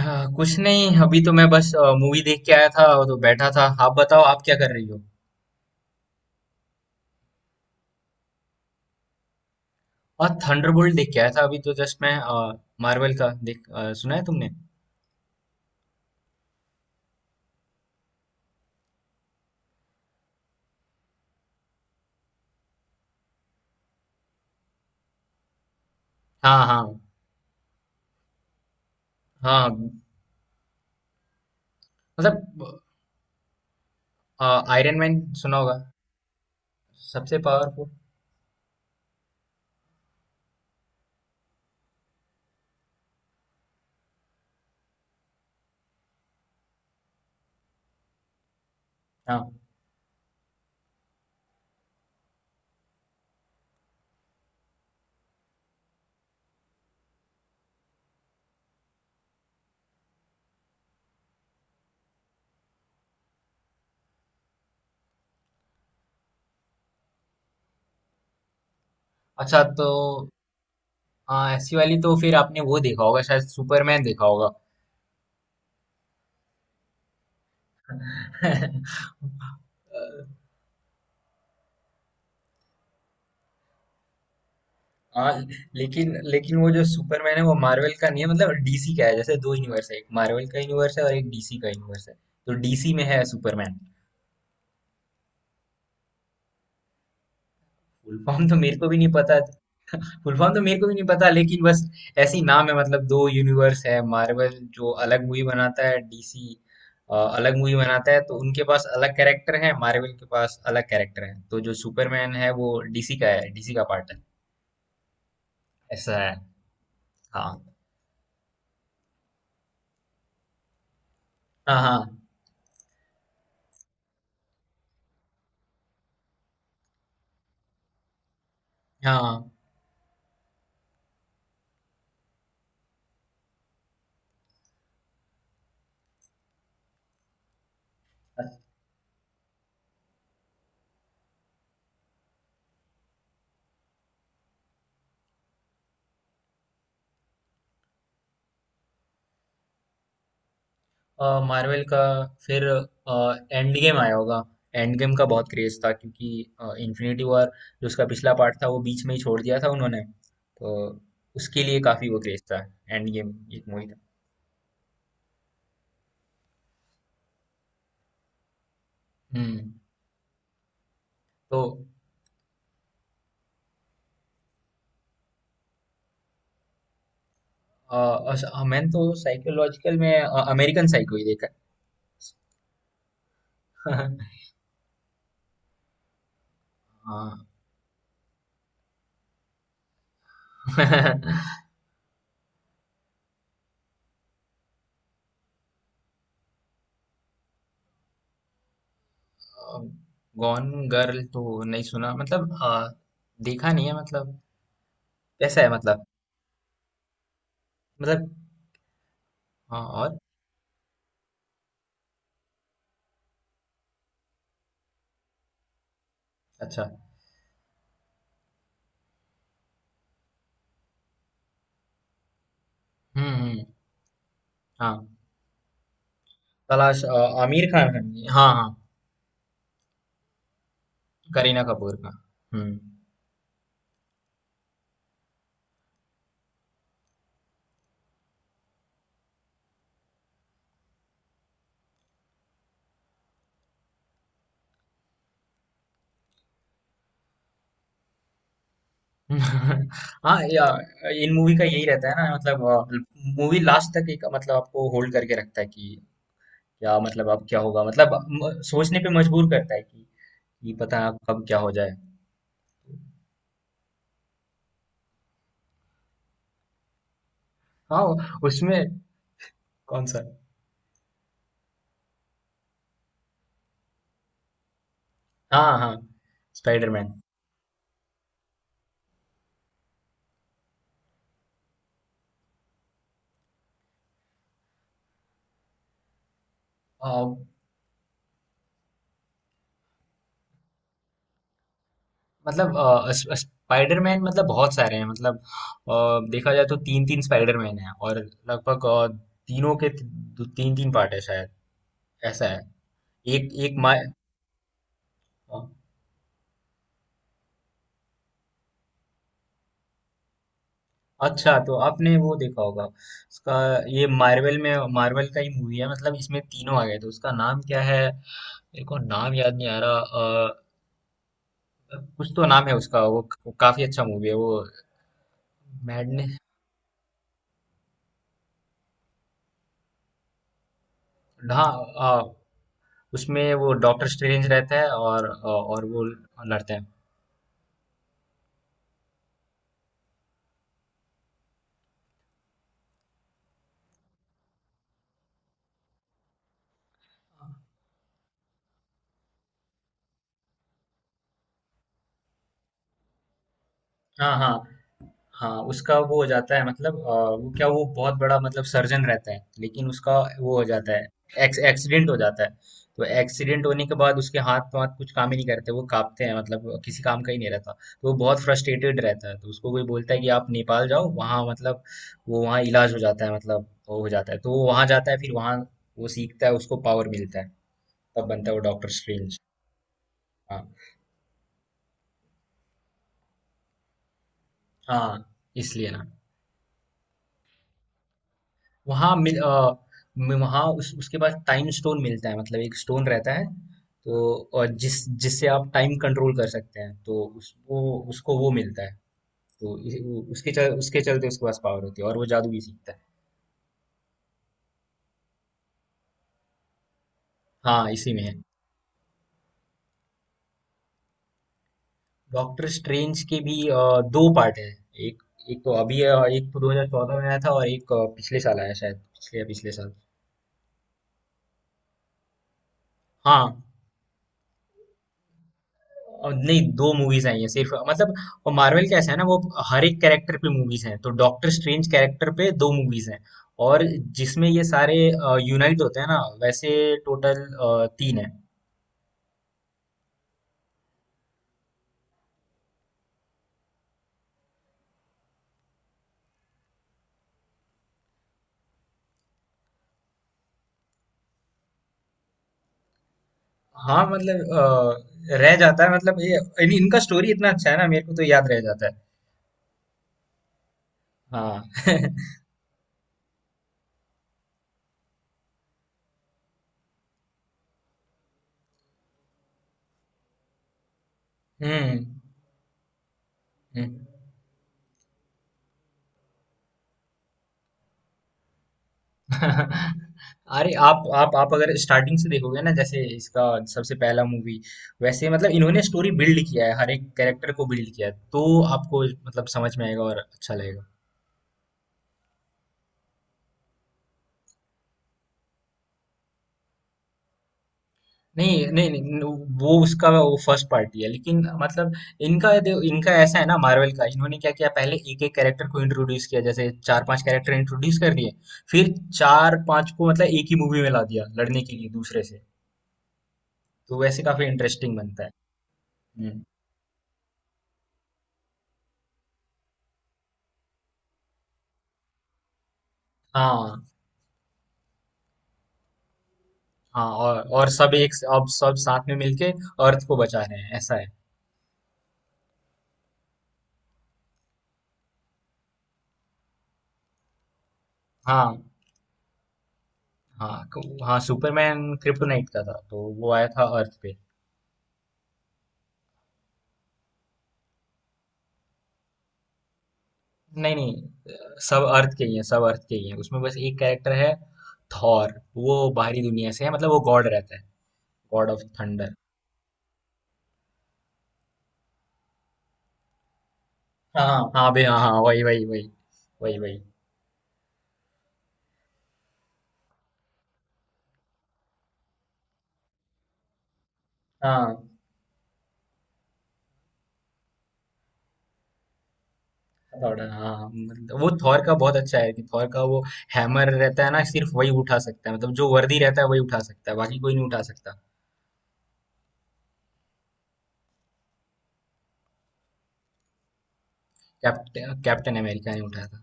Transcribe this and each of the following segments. हाँ, कुछ नहीं। अभी तो मैं बस मूवी देख के आया था और तो बैठा था। आप बताओ, आप क्या कर रही हो। और थंडरबोल्ट देख के आया था अभी तो जस्ट मैं मार्वल का देख सुना है तुमने। हाँ, हाँ। हाँ, मतलब आयरन मैन सुना होगा। सबसे पावरफुल। हाँ, अच्छा तो हाँ, ऐसी वाली। तो फिर आपने वो देखा होगा, शायद सुपरमैन देखा होगा। आ, लेकिन लेकिन वो जो सुपरमैन है वो मार्वल का नहीं है, मतलब डीसी का है। जैसे दो यूनिवर्स है, एक मार्वल का यूनिवर्स है और एक डीसी का यूनिवर्स है। तो डीसी में है सुपरमैन। फुल फॉर्म तो मेरे को भी नहीं पता। फुल फॉर्म तो मेरे को भी नहीं पता, लेकिन बस ऐसी नाम है। मतलब दो यूनिवर्स है, मार्वल जो अलग मूवी बनाता है, डीसी अलग मूवी बनाता है। तो उनके पास अलग कैरेक्टर है, मार्वल के पास अलग कैरेक्टर है। तो जो सुपरमैन है वो डीसी का है, डीसी का पार्ट है। ऐसा है। हाँ। हाँ, हाँ, हाँ। मार्वल का। फिर एंड गेम आया होगा। एंड गेम का बहुत क्रेज था, क्योंकि इन्फिनिटी वॉर, जो उसका पिछला पार्ट था, वो बीच में ही छोड़ दिया था उन्होंने। तो उसके लिए काफी वो क्रेज था, एंड गेम। एक मूवी था। हम्म। तो अ, मैंने तो साइकोलॉजिकल में अमेरिकन साइको ही देखा है। हाँ। गॉन गर्ल तो नहीं सुना, मतलब देखा नहीं है, मतलब कैसा है मतलब। मतलब हाँ और। अच्छा। हम्म, हम्म। हाँ, तलाश। आमिर खान है। हाँ, हाँ। करीना कपूर का। हम्म। हाँ, या इन मूवी का यही रहता है ना। मतलब मूवी लास्ट तक एक, मतलब आपको होल्ड करके रखता है कि क्या, मतलब अब क्या होगा, मतलब सोचने पे मजबूर करता है कि पता है अब कब क्या हो जाए। हाँ, उसमें। कौन सा? हाँ, हाँ, स्पाइडरमैन। अ, मतलब स्पाइडरमैन, मतलब बहुत सारे हैं। मतलब अ, देखा जाए तो तीन तीन स्पाइडरमैन है, और लगभग तीनों के तीन तीन पार्ट है शायद। ऐसा है। एक एक मार। अच्छा, तो आपने वो देखा होगा उसका। ये मार्वल में, मार्वल का ही मूवी है, मतलब इसमें तीनों आ गए। तो उसका नाम क्या है? मेरे को नाम याद नहीं आ रहा। कुछ तो नाम है उसका वो काफी अच्छा मूवी है वो। मैडनेस। हाँ, अ, उसमें वो डॉक्टर स्ट्रेंज रहता है, और वो लड़ते हैं। हाँ, हाँ, हाँ। उसका वो हो जाता है, मतलब वो क्या, वो बहुत बड़ा मतलब सर्जन रहता है, लेकिन उसका वो हो जाता है, एक्सीडेंट हो जाता है। तो एक्सीडेंट होने के बाद उसके हाथ वाथ कुछ काम ही नहीं करते, वो कांपते हैं, मतलब किसी काम का ही नहीं रहता। तो वो बहुत फ्रस्ट्रेटेड रहता है, तो उसको कोई बोलता है कि आप नेपाल जाओ, वहाँ मतलब वो वहाँ इलाज हो जाता है, मतलब वो हो जाता है। तो वो वहाँ जाता है, फिर वहाँ वो सीखता है, उसको पावर मिलता है। तब बनता है वो डॉक्टर स्ट्रेंज। हाँ, हाँ, इसलिए ना। वहाँ मिल अ, म- वहाँ उसके बाद टाइम स्टोन मिलता है, मतलब एक स्टोन रहता है। तो और जिससे आप टाइम कंट्रोल कर सकते हैं, तो वो उसको वो मिलता है। तो उसके चलते उसके पास पावर होती है और वो जादू भी सीखता है। हाँ, इसी में है। डॉक्टर स्ट्रेंज के भी दो पार्ट है। एक, एक तो अभी है और एक तो 2014 में आया था, और एक पिछले साल आया शायद, पिछले या पिछले साल। हाँ और नहीं, दो मूवीज आई हैं सिर्फ, मतलब। और मार्वल कैसा है ना वो, हर एक कैरेक्टर पे मूवीज हैं, तो डॉक्टर स्ट्रेंज कैरेक्टर पे दो मूवीज हैं। और जिसमें ये सारे यूनाइट होते हैं ना, वैसे टोटल तीन है। हाँ, मतलब रह जाता है, मतलब ये इनका स्टोरी इतना अच्छा है ना, मेरे को तो याद रह जाता है। हाँ। हम्म, हम्म। अरे आप अगर स्टार्टिंग से देखोगे ना, जैसे इसका सबसे पहला मूवी, वैसे मतलब इन्होंने स्टोरी बिल्ड किया है, हर एक कैरेक्टर को बिल्ड किया है, तो आपको मतलब समझ में आएगा और अच्छा लगेगा। नहीं, नहीं, नहीं। वो उसका वो फर्स्ट पार्ट ही है, लेकिन मतलब इनका ऐसा है ना, मार्वल का इन्होंने क्या किया, पहले एक एक कैरेक्टर को इंट्रोड्यूस किया, जैसे चार पांच कैरेक्टर इंट्रोड्यूस कर दिए। फिर चार पांच को मतलब एक ही मूवी में ला दिया लड़ने के लिए दूसरे से। तो वैसे काफी इंटरेस्टिंग बनता है। हम्म। हाँ, हाँ। और सब एक, अब सब साथ में मिलके अर्थ को बचा रहे हैं, ऐसा है। हाँ, हाँ, हाँ, सुपरमैन क्रिप्टोनाइट का था तो वो आया था अर्थ पे। नहीं, नहीं, सब अर्थ के ही है। सब अर्थ के ही है, उसमें बस एक कैरेक्टर है थॉर, वो बाहरी दुनिया से है, मतलब वो गॉड रहता है, गॉड ऑफ थंडर। हाँ, हाँ, बे, हाँ, हाँ, वही, वही, वही। वही, वही। हाँ, थोड़ा हाँ, मतलब वो थॉर का बहुत अच्छा है कि थॉर का वो हैमर रहता है ना, सिर्फ वही उठा सकता है, मतलब जो वर्दी रहता है वही उठा सकता है, बाकी कोई नहीं उठा सकता। कैप्टन कैप्टन अमेरिका नहीं उठाया था।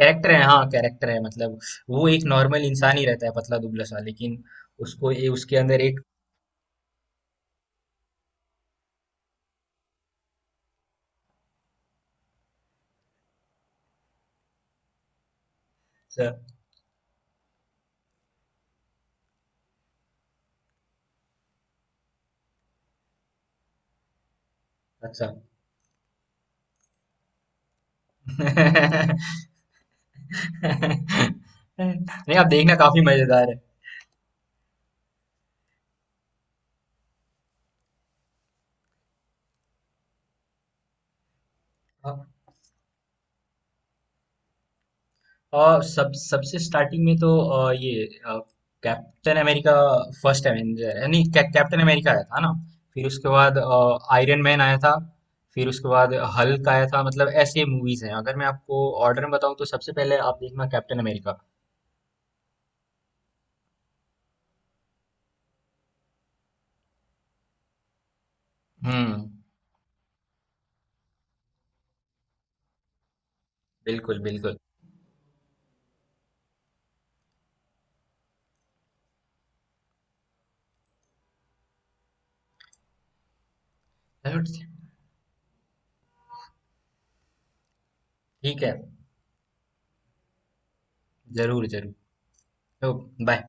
कैरेक्टर है, हाँ कैरेक्टर है, मतलब वो एक नॉर्मल इंसान ही रहता है, पतला दुबला सा, लेकिन उसको ये, उसके अंदर एक। अच्छा। नहीं, आप देखना, काफी मजेदार है। हाँ, और सब सबसे स्टार्टिंग में तो ये कैप्टन अमेरिका, फर्स्ट एवेंजर, यानी कैप्टन अमेरिका आया था ना। फिर उसके बाद आयरन मैन आया था। फिर उसके बाद हल्क आया था। मतलब ऐसे मूवीज हैं, अगर मैं आपको ऑर्डर में बताऊं तो सबसे पहले आप देखना कैप्टन अमेरिका। हम्म। बिल्कुल, बिल्कुल। चलो, ठीक है। जरूर, जरूर। तो बाय।